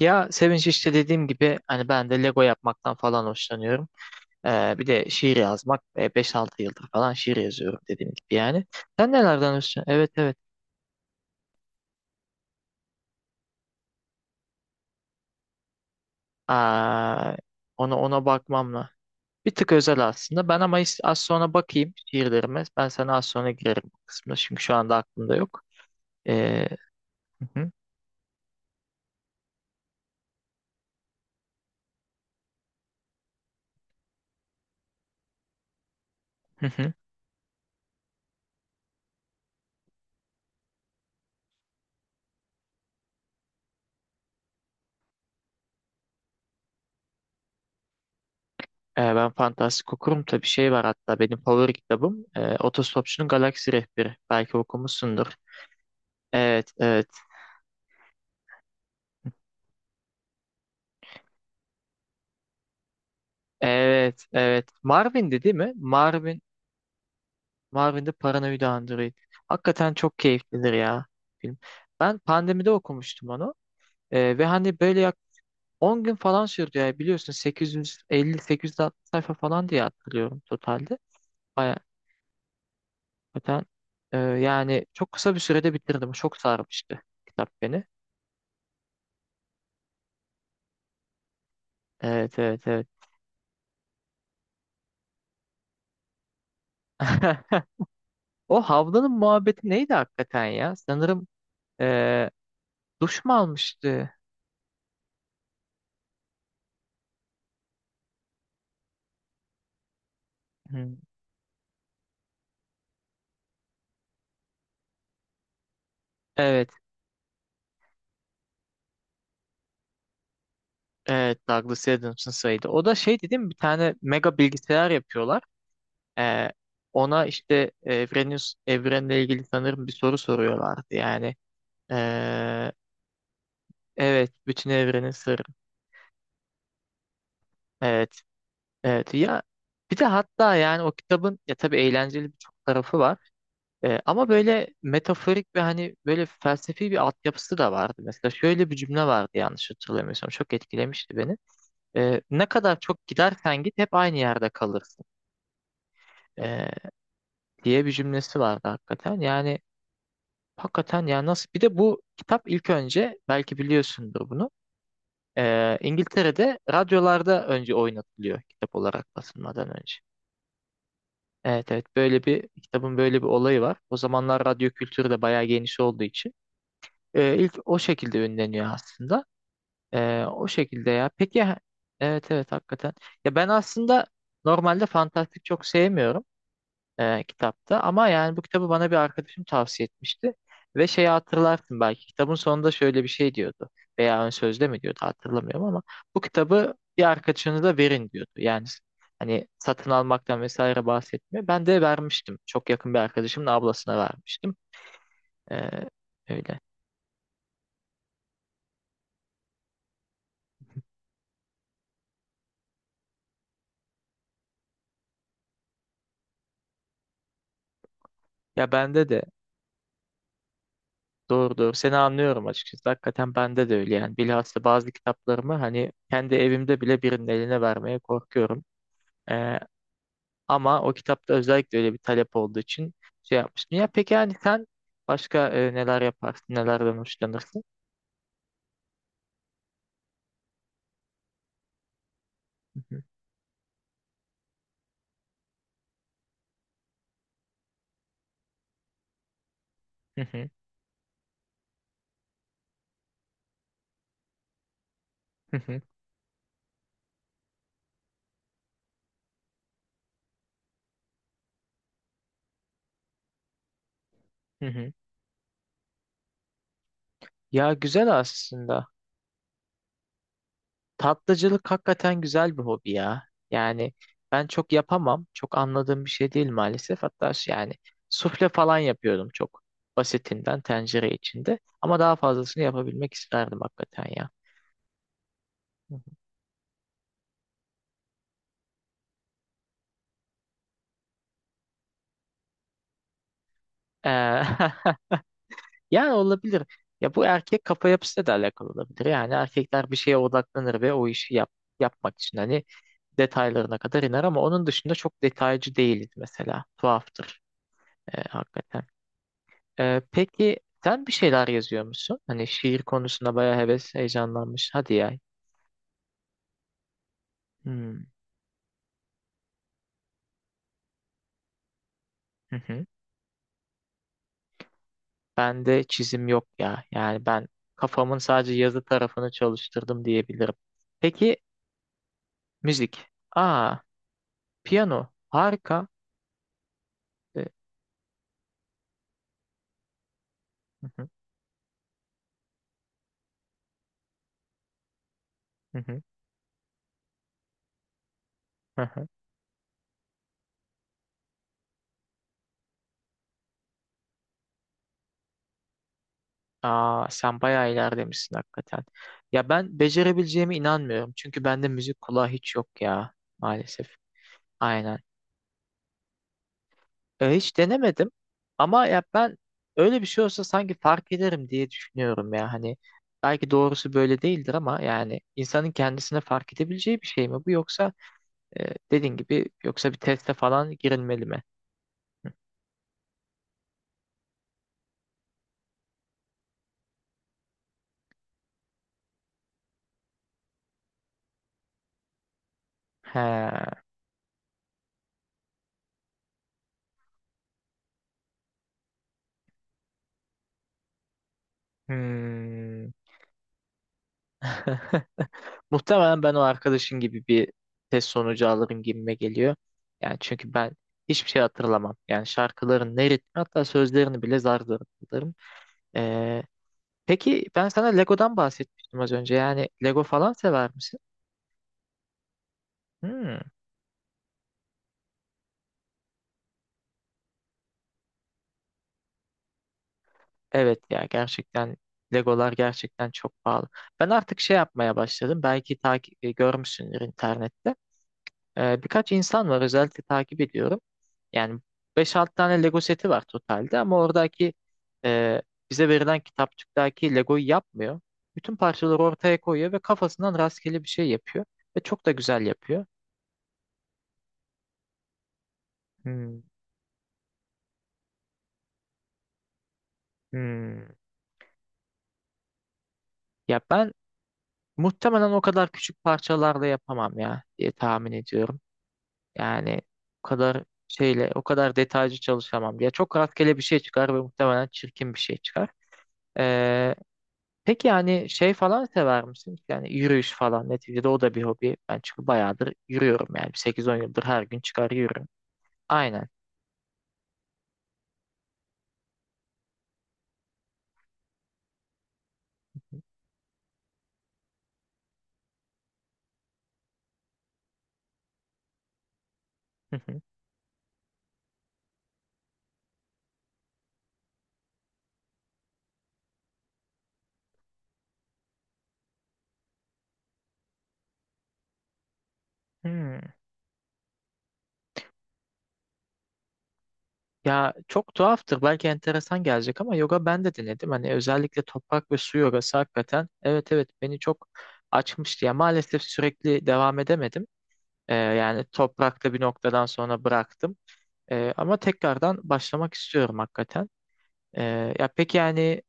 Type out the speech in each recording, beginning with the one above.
Ya Sevinç işte dediğim gibi hani ben de Lego yapmaktan falan hoşlanıyorum. Bir de şiir yazmak. 5-6 yıldır falan şiir yazıyorum dediğim gibi yani. Sen nelerden hoşlanıyorsun? Evet, evet. Aa, ona bakmamla. Bir tık özel aslında. Ben ama az sonra bakayım şiirlerime. Ben sana az sonra girerim bu kısmına. Çünkü şu anda aklımda yok. Ee, hı hı, hı hı. Ben fantastik okurum. Tabii şey var hatta benim favori kitabım. Otostopçunun Galaksi Rehberi. Belki okumuşsundur. Evet, evet. Evet, evet. Marvin'di değil mi? Marvin'de Paranoid Android. Hakikaten çok keyiflidir ya film. Ben pandemide okumuştum onu. Ve hani böyle 10 gün falan sürdü ya biliyorsun 850-860 sayfa falan diye hatırlıyorum totalde. Baya hakikaten yani çok kısa bir sürede bitirdim. Çok sarmıştı kitap beni. Evet, evet, evet. O havlanın muhabbeti neydi hakikaten ya? Sanırım e, duş mu almıştı? Hı. Evet, Evet, Douglas Adams'ın sayıydı. O da şey dedim bir tane mega bilgisayar yapıyorlar. Ee, ona işte evrenle ilgili sanırım bir soru soruyorlardı. Yani ee, evet, bütün evrenin sırrı. Evet, evet, ya bir de hatta yani o kitabın ya tabii eğlenceli birçok tarafı var. Ama böyle metaforik ve hani böyle felsefi bir altyapısı da vardı. Mesela şöyle bir cümle vardı yanlış hatırlamıyorsam çok etkilemişti beni. Ne kadar çok gidersen git hep aynı yerde kalırsın, diye bir cümlesi vardı hakikaten. Yani hakikaten yani nasıl bir de bu kitap ilk önce belki biliyorsundur bunu. İngiltere'de radyolarda önce oynatılıyor kitap olarak basılmadan önce. Evet, evet, böyle bir kitabın böyle bir olayı var. O zamanlar radyo kültürü de bayağı geniş olduğu için ilk o şekilde ünleniyor aslında. O şekilde ya. Peki evet, evet, hakikaten. Ya ben aslında normalde fantastik çok sevmiyorum kitapta. Ama yani bu kitabı bana bir arkadaşım tavsiye etmişti. Ve şeyi hatırlarsın belki kitabın sonunda şöyle bir şey diyordu. Veya ön sözde mi diyordu hatırlamıyorum ama bu kitabı bir arkadaşınıza verin diyordu. Yani hani satın almaktan vesaire bahsetmiyor. Ben de vermiştim. Çok yakın bir arkadaşımın ablasına vermiştim. E, öyle. Ya bende de doğru doğru seni anlıyorum açıkçası. Hakikaten bende de öyle yani. Bilhassa bazı kitaplarımı hani kendi evimde bile birinin eline vermeye korkuyorum. Ee, Ama o kitapta özellikle öyle bir talep olduğu için şey yapmıştım. Ya peki yani sen başka neler yaparsın, nelerden hoşlanırsın? Hı hı, hı hı, hı hı, hı hı. Ya güzel aslında. Tatlıcılık hakikaten güzel bir hobi ya. Yani ben çok yapamam. Çok anladığım bir şey değil maalesef. Hatta şey yani sufle falan yapıyordum çok basitinden tencere içinde. Ama daha fazlasını yapabilmek isterdim hakikaten ya. Ee, Yani olabilir. Ya bu erkek kafa yapısıyla da alakalı olabilir. Yani erkekler bir şeye odaklanır ve o işi yapmak için hani detaylarına kadar iner ama onun dışında çok detaycı değiliz mesela. Tuhaftır hakikaten. Peki sen bir şeyler yazıyor musun? Hani şiir konusunda bayağı heyecanlanmış. Hadi ya. Hmm. Hı hı. Ben de çizim yok ya. Yani ben kafamın sadece yazı tarafını çalıştırdım diyebilirim. Peki müzik. Aa, piyano. Harika. E, hı hı. Hı hı. Hı hı. Aa, sen bayağı ilerlemişsin hakikaten. Ya ben becerebileceğime inanmıyorum. Çünkü bende müzik kulağı hiç yok ya maalesef. Aynen. Hiç denemedim. Ama ya ben öyle bir şey olsa sanki fark ederim diye düşünüyorum ya. Hani belki doğrusu böyle değildir ama yani insanın kendisine fark edebileceği bir şey mi bu yoksa dediğin gibi yoksa bir teste falan girilmeli mi? He. Hmm. Muhtemelen ben o arkadaşın gibi bir test sonucu alırım gibime geliyor. Yani çünkü ben hiçbir şey hatırlamam. Yani şarkıların ne ritmi hatta sözlerini bile zar zor hatırlarım. Ee, peki ben sana Lego'dan bahsetmiştim az önce. Yani Lego falan sever misin? Hmm, evet ya, gerçekten Legolar gerçekten çok pahalı. Ben artık şey yapmaya başladım. Belki görmüşsündür internette. Birkaç insan var özellikle takip ediyorum. Yani beş 6 tane Lego seti var totalde ama oradaki e, bize verilen kitapçıktaki Lego'yu yapmıyor. Bütün parçaları ortaya koyuyor ve kafasından rastgele bir şey yapıyor. Ve çok da güzel yapıyor. Hmm, hmm. Ya ben muhtemelen o kadar küçük parçalarla yapamam ya diye tahmin ediyorum. Yani o kadar şeyle, o kadar detaycı çalışamam. Ya çok rastgele bir şey çıkar ve muhtemelen çirkin bir şey çıkar. Peki yani şey falan sever misin? Yani yürüyüş falan neticede o da bir hobi. Ben çünkü bayağıdır yürüyorum yani 8-10 yıldır her gün çıkar yürüyorum. Aynen. Hı hı. Hmm. Ya çok tuhaftır belki enteresan gelecek ama yoga ben de denedim. Hani özellikle toprak ve su yogası hakikaten evet, evet, beni çok açmıştı. Ya maalesef sürekli devam edemedim. Yani toprakta bir noktadan sonra bıraktım. Ama tekrardan başlamak istiyorum hakikaten. Ya peki yani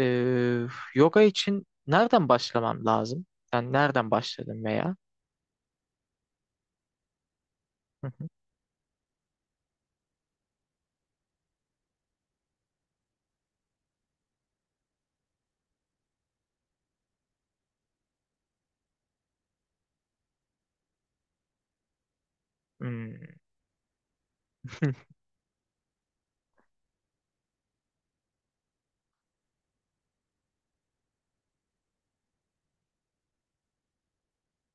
Ee, yoga için nereden başlamam lazım? Sen nereden başladın veya? Hı hı. Hmm.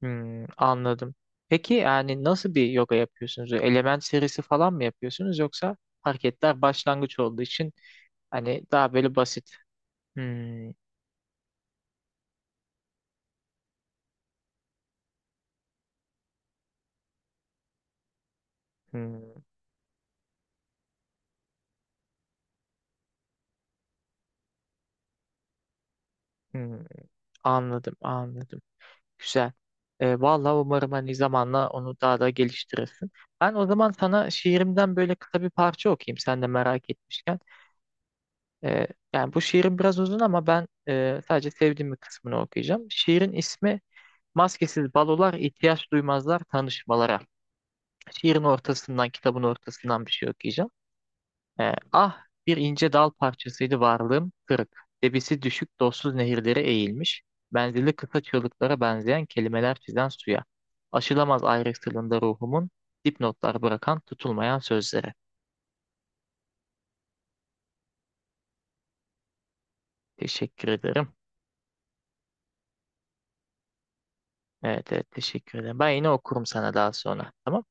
Anladım. Peki yani nasıl bir yoga yapıyorsunuz? Element serisi falan mı yapıyorsunuz yoksa hareketler başlangıç olduğu için hani daha böyle basit. Hmm, hmm, hmm. Anladım, anladım. Güzel. Vallahi umarım hani zamanla onu daha da geliştirirsin. Ben o zaman sana şiirimden böyle kısa bir parça okuyayım sen de merak etmişken. Ee, Yani bu şiirin biraz uzun ama ben sadece sevdiğim bir kısmını okuyacağım. Şiirin ismi Maskesiz Balolar ihtiyaç Duymazlar Tanışmalara. Şiirin ortasından, kitabın ortasından bir şey okuyacağım. Ah, bir ince dal parçasıydı varlığım kırık. Debisi düşük dostsuz nehirlere eğilmiş. Menzili kısa çığlıklara benzeyen kelimeler çizen suya. Aşılamaz ayrıntılığında ruhumun dipnotlar bırakan tutulmayan sözlere. Teşekkür ederim. Evet, evet teşekkür ederim. Ben yine okurum sana daha sonra. Tamam